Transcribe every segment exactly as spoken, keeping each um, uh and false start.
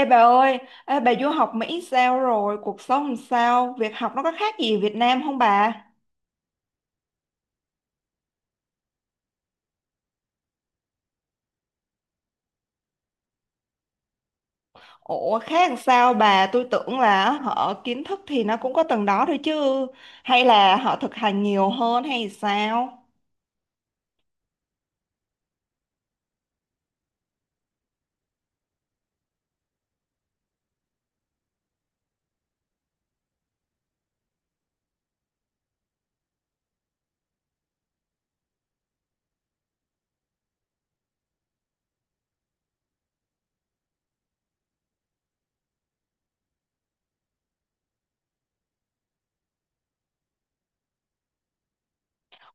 Ê bà ơi, ê, bà du học Mỹ sao rồi? Cuộc sống làm sao? Việc học nó có khác gì Việt Nam không bà? Ủa khác làm sao bà? Tôi tưởng là họ kiến thức thì nó cũng có từng đó thôi chứ. Hay là họ thực hành nhiều hơn hay sao?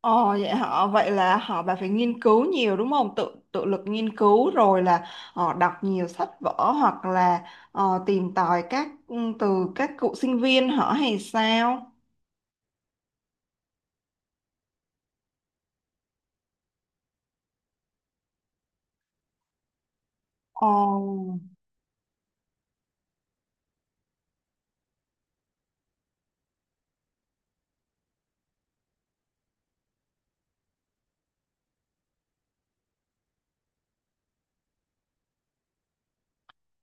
Ồ vậy họ vậy là họ bà phải nghiên cứu nhiều đúng không? Tự tự lực nghiên cứu rồi là họ đọc nhiều sách vở hoặc là ờ, tìm tòi các ừ, từ các cựu sinh viên họ hay sao? Ồ.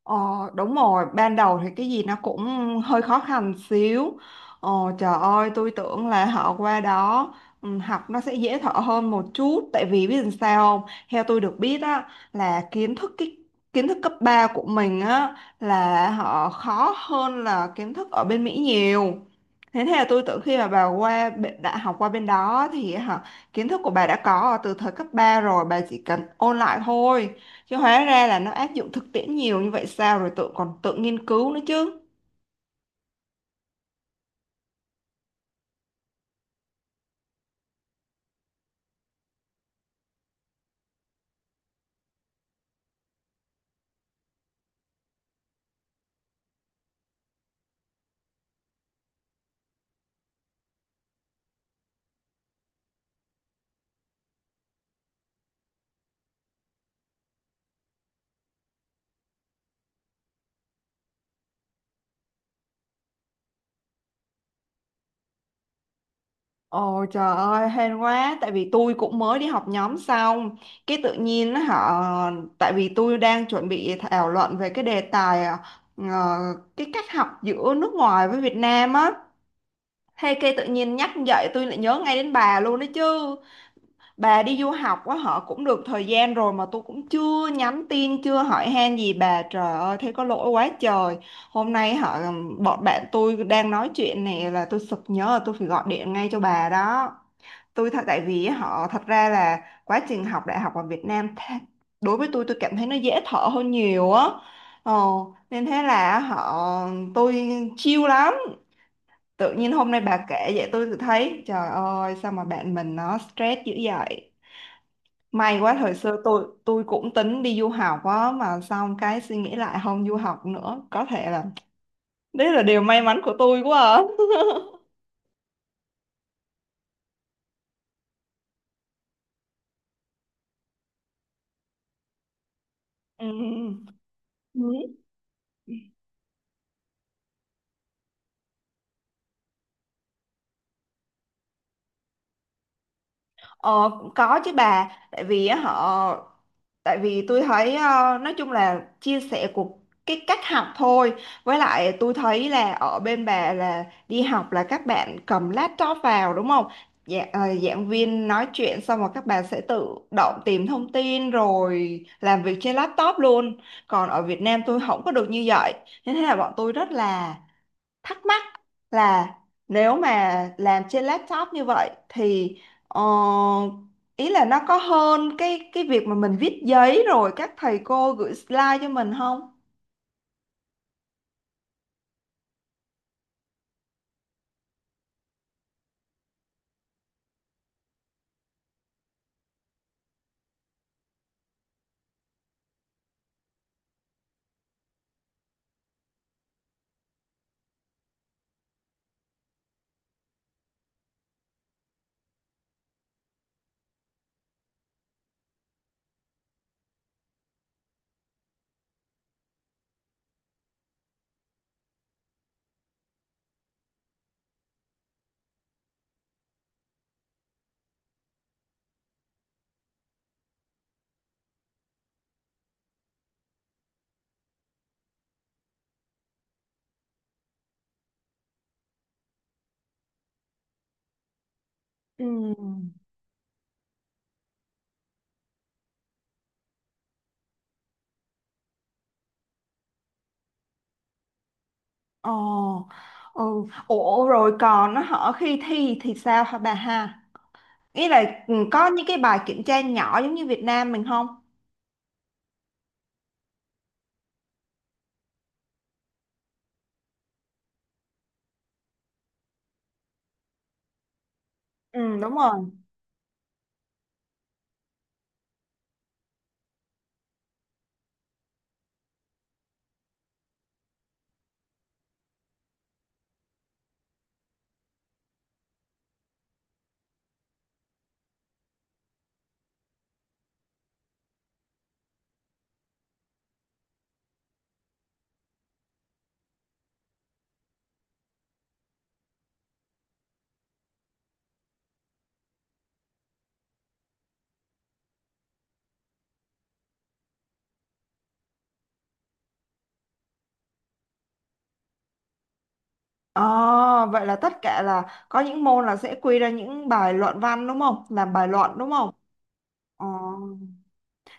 Ờ, Đúng rồi, ban đầu thì cái gì nó cũng hơi khó khăn xíu. Ờ, Trời ơi, tôi tưởng là họ qua đó ừ, học nó sẽ dễ thở hơn một chút. Tại vì biết làm sao không? Theo tôi được biết á, là kiến thức cái kiến thức cấp ba của mình á là họ khó hơn là kiến thức ở bên Mỹ nhiều. Thế thế là tôi tưởng khi mà bà qua bên- đã học qua bên đó thì hả, kiến thức của bà đã có từ thời cấp ba rồi, bà chỉ cần ôn lại thôi chứ hóa ra là nó áp dụng thực tiễn nhiều như vậy sao rồi tự còn tự nghiên cứu nữa chứ. Ồ trời ơi hên quá, tại vì tôi cũng mới đi học nhóm xong cái tự nhiên á, họ tại vì tôi đang chuẩn bị thảo luận về cái đề tài ờ, ờ, cái cách học giữa nước ngoài với Việt Nam á. Thế cái tự nhiên nhắc dậy tôi lại nhớ ngay đến bà luôn đấy chứ. Bà đi du học á họ cũng được thời gian rồi mà tôi cũng chưa nhắn tin chưa hỏi han gì bà, trời ơi thế có lỗi quá trời. Hôm nay họ bọn bạn tôi đang nói chuyện này là tôi sực nhớ là tôi phải gọi điện ngay cho bà đó. Tôi thật tại vì họ Thật ra là quá trình học đại học ở Việt Nam tha- đối với tôi tôi cảm thấy nó dễ thở hơn nhiều á, ờ, nên thế là họ tôi chill lắm. Tự nhiên hôm nay bà kể vậy tôi tự thấy trời ơi sao mà bạn mình nó stress dữ vậy. May quá thời xưa tôi tôi cũng tính đi du học á mà xong cái suy nghĩ lại không du học nữa, có thể là đấy là điều may mắn của tôi quá à. Ừ. Ờ, Cũng có chứ bà, tại vì á, họ tại vì tôi thấy ờ, nói chung là chia sẻ của cái cách học thôi. Với lại tôi thấy là ở bên bà là đi học là các bạn cầm laptop vào đúng không? Dạ, ờ, giảng viên nói chuyện xong rồi các bạn sẽ tự động tìm thông tin rồi làm việc trên laptop luôn, còn ở Việt Nam tôi không có được như vậy nên thế là bọn tôi rất là thắc mắc là nếu mà làm trên laptop như vậy thì ờ, ý là nó có hơn cái cái việc mà mình viết giấy rồi các thầy cô gửi slide cho mình không? Ừ. Ồ, ừ. Ủa rồi còn nó hỏi khi thi thì sao hả bà ha? Ý là ừ, có những cái bài kiểm tra nhỏ giống như Việt Nam mình không? Ừ, đúng rồi. Ồ, vậy là tất cả là có những môn là sẽ quy ra những bài luận văn đúng không? Làm bài luận đúng không?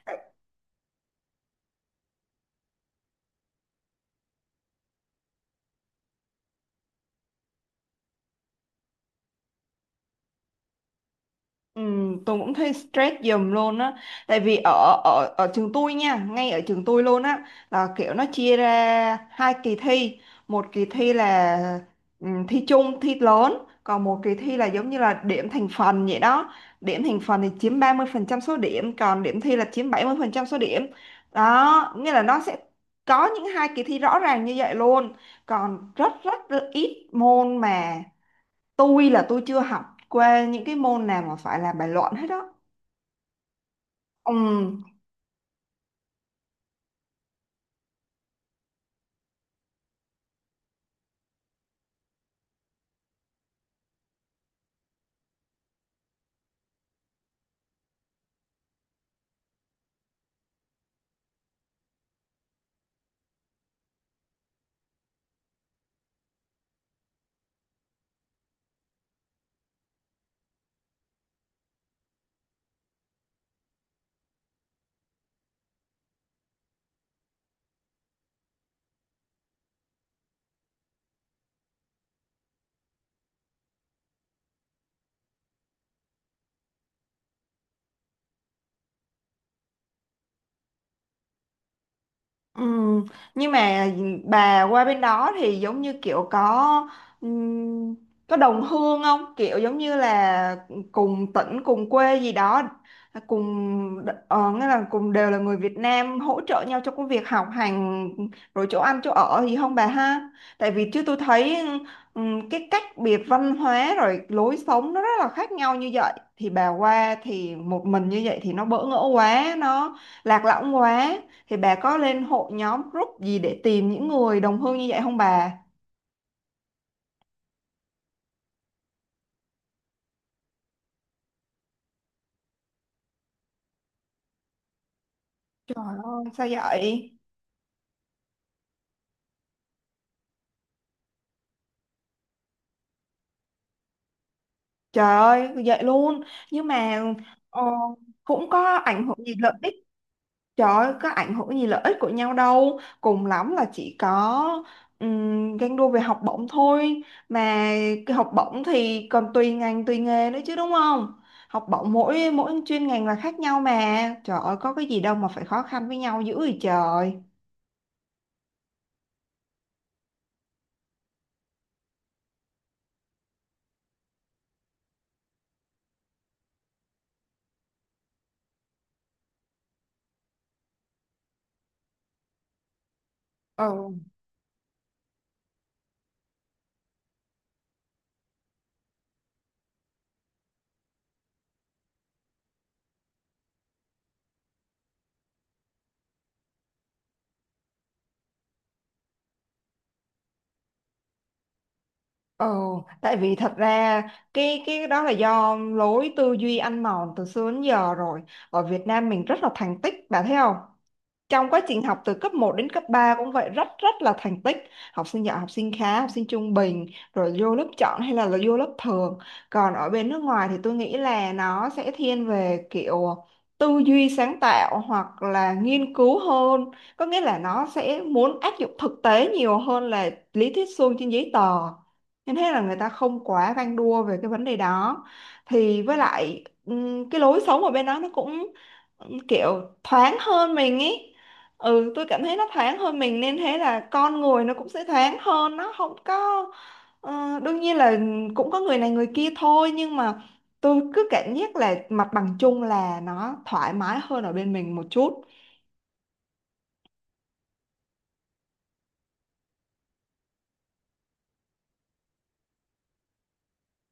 Ồ. Ừ, tôi cũng thấy stress giùm luôn á, tại vì ở ở ở trường tôi nha, ngay ở trường tôi luôn á là kiểu nó chia ra hai kỳ thi. Một kỳ thi là ừ, thi chung thi lớn, còn một kỳ thi là giống như là điểm thành phần vậy đó. Điểm thành phần thì chiếm ba mươi phần trăm số điểm, còn điểm thi là chiếm bảy mươi phần trăm số điểm đó, nghĩa là nó sẽ có những hai kỳ thi rõ ràng như vậy luôn. Còn rất rất ít môn mà tôi là tôi chưa học qua những cái môn nào mà phải làm bài luận hết đó. Ừ. Ừ, nhưng mà ừ, bà qua bên đó thì giống như kiểu có ừm, có đồng hương không? Kiểu giống như là cùng tỉnh, cùng quê gì đó, cùng ờ, nghĩa là cùng đều là người Việt Nam hỗ trợ nhau trong công việc học hành rồi chỗ ăn chỗ ở gì không bà ha? Tại vì chứ tôi thấy ừm, cái cách biệt văn hóa rồi lối sống nó rất là khác nhau như vậy thì bà qua thì một mình như vậy thì nó bỡ ngỡ quá, nó lạc lõng quá, thì bà có lên hội nhóm group gì để tìm những người đồng hương như vậy không bà? Trời ơi, sao vậy? Trời ơi, vậy luôn. Nhưng mà ờ, cũng có ảnh hưởng gì lợi ích. Trời ơi, có ảnh hưởng gì lợi ích của nhau đâu. Cùng lắm là chỉ có um, ganh đua về học bổng thôi. Mà cái học bổng thì còn tùy ngành, tùy nghề nữa chứ đúng không? Học bổng mỗi mỗi chuyên ngành là khác nhau mà. Trời ơi, có cái gì đâu mà phải khó khăn với nhau dữ vậy trời. Ừ. Ồ, tại vì thật ra cái cái đó là do lối tư duy ăn mòn từ xưa đến giờ rồi. Ở Việt Nam mình rất là thành tích, bạn thấy không? Trong quá trình học từ cấp một đến cấp ba cũng vậy rất rất là thành tích, học sinh giỏi học sinh khá học sinh trung bình, rồi vô lớp chọn hay là, là vô lớp thường. Còn ở bên nước ngoài thì tôi nghĩ là nó sẽ thiên về kiểu tư duy sáng tạo hoặc là nghiên cứu hơn, có nghĩa là nó sẽ muốn áp dụng thực tế nhiều hơn là lý thuyết suông trên giấy tờ, nên thế là người ta không quá ganh đua về cái vấn đề đó. Thì với lại ừm, cái lối sống ở bên đó nó cũng kiểu thoáng hơn mình ý, ừ tôi cảm thấy nó thoáng hơn mình nên thế là con người nó cũng sẽ thoáng hơn, nó không có ờ, đương nhiên là cũng có người này người kia thôi nhưng mà tôi cứ cảm giác là mặt bằng chung là nó thoải mái hơn ở bên mình một chút.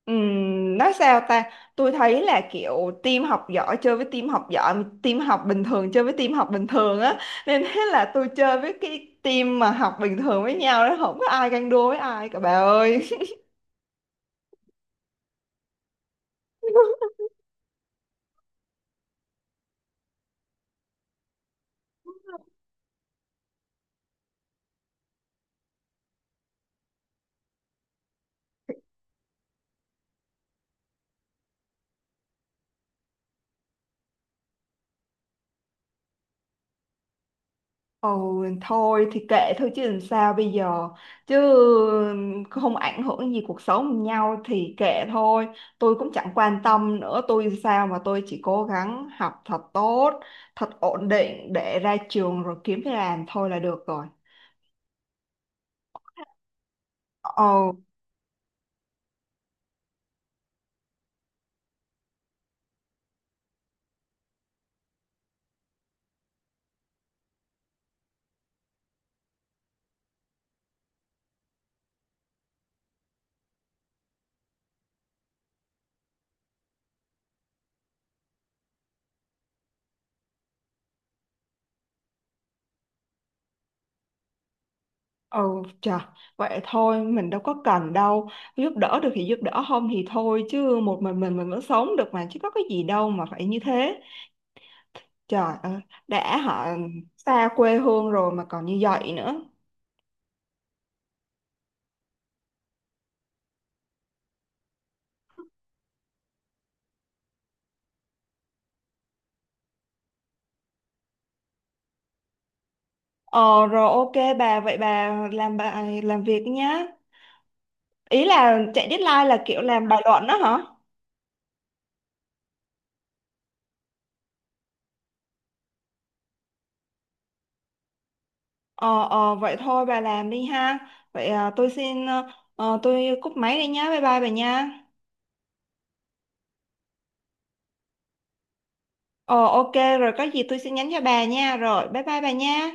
Ừm, nói sao ta, tôi thấy là kiểu team học giỏi chơi với team học giỏi, team học bình thường chơi với team học bình thường á, nên thế là tôi chơi với cái team mà học bình thường với nhau đó, không có ai ganh đua với ai cả bà ơi. Ồ, thôi thì kệ thôi chứ làm sao bây giờ, chứ không ảnh hưởng gì cuộc sống nhau thì kệ thôi. Tôi cũng chẳng quan tâm nữa, tôi sao mà tôi chỉ cố gắng học thật tốt thật ổn định để ra trường rồi kiếm việc làm thôi là được rồi. Ồ ồ trời, vậy thôi mình đâu có cần đâu, giúp đỡ được thì giúp đỡ không thì thôi, chứ một mình mình mình vẫn sống được mà chứ có cái gì đâu mà phải như thế. Trời ơi, đã họ xa quê hương rồi mà còn như vậy nữa. Ờ rồi ok bà, vậy bà làm bài làm việc nhá. Ý là chạy deadline là kiểu làm bài luận đó hả? Ờ ờ vậy thôi bà làm đi ha. Vậy à, tôi xin ờ, ờ, tôi cúp máy đi nhá. Bye bye bà nha. Ờ ok rồi có gì tôi sẽ nhắn cho bà nha. Rồi bye bye bà nha.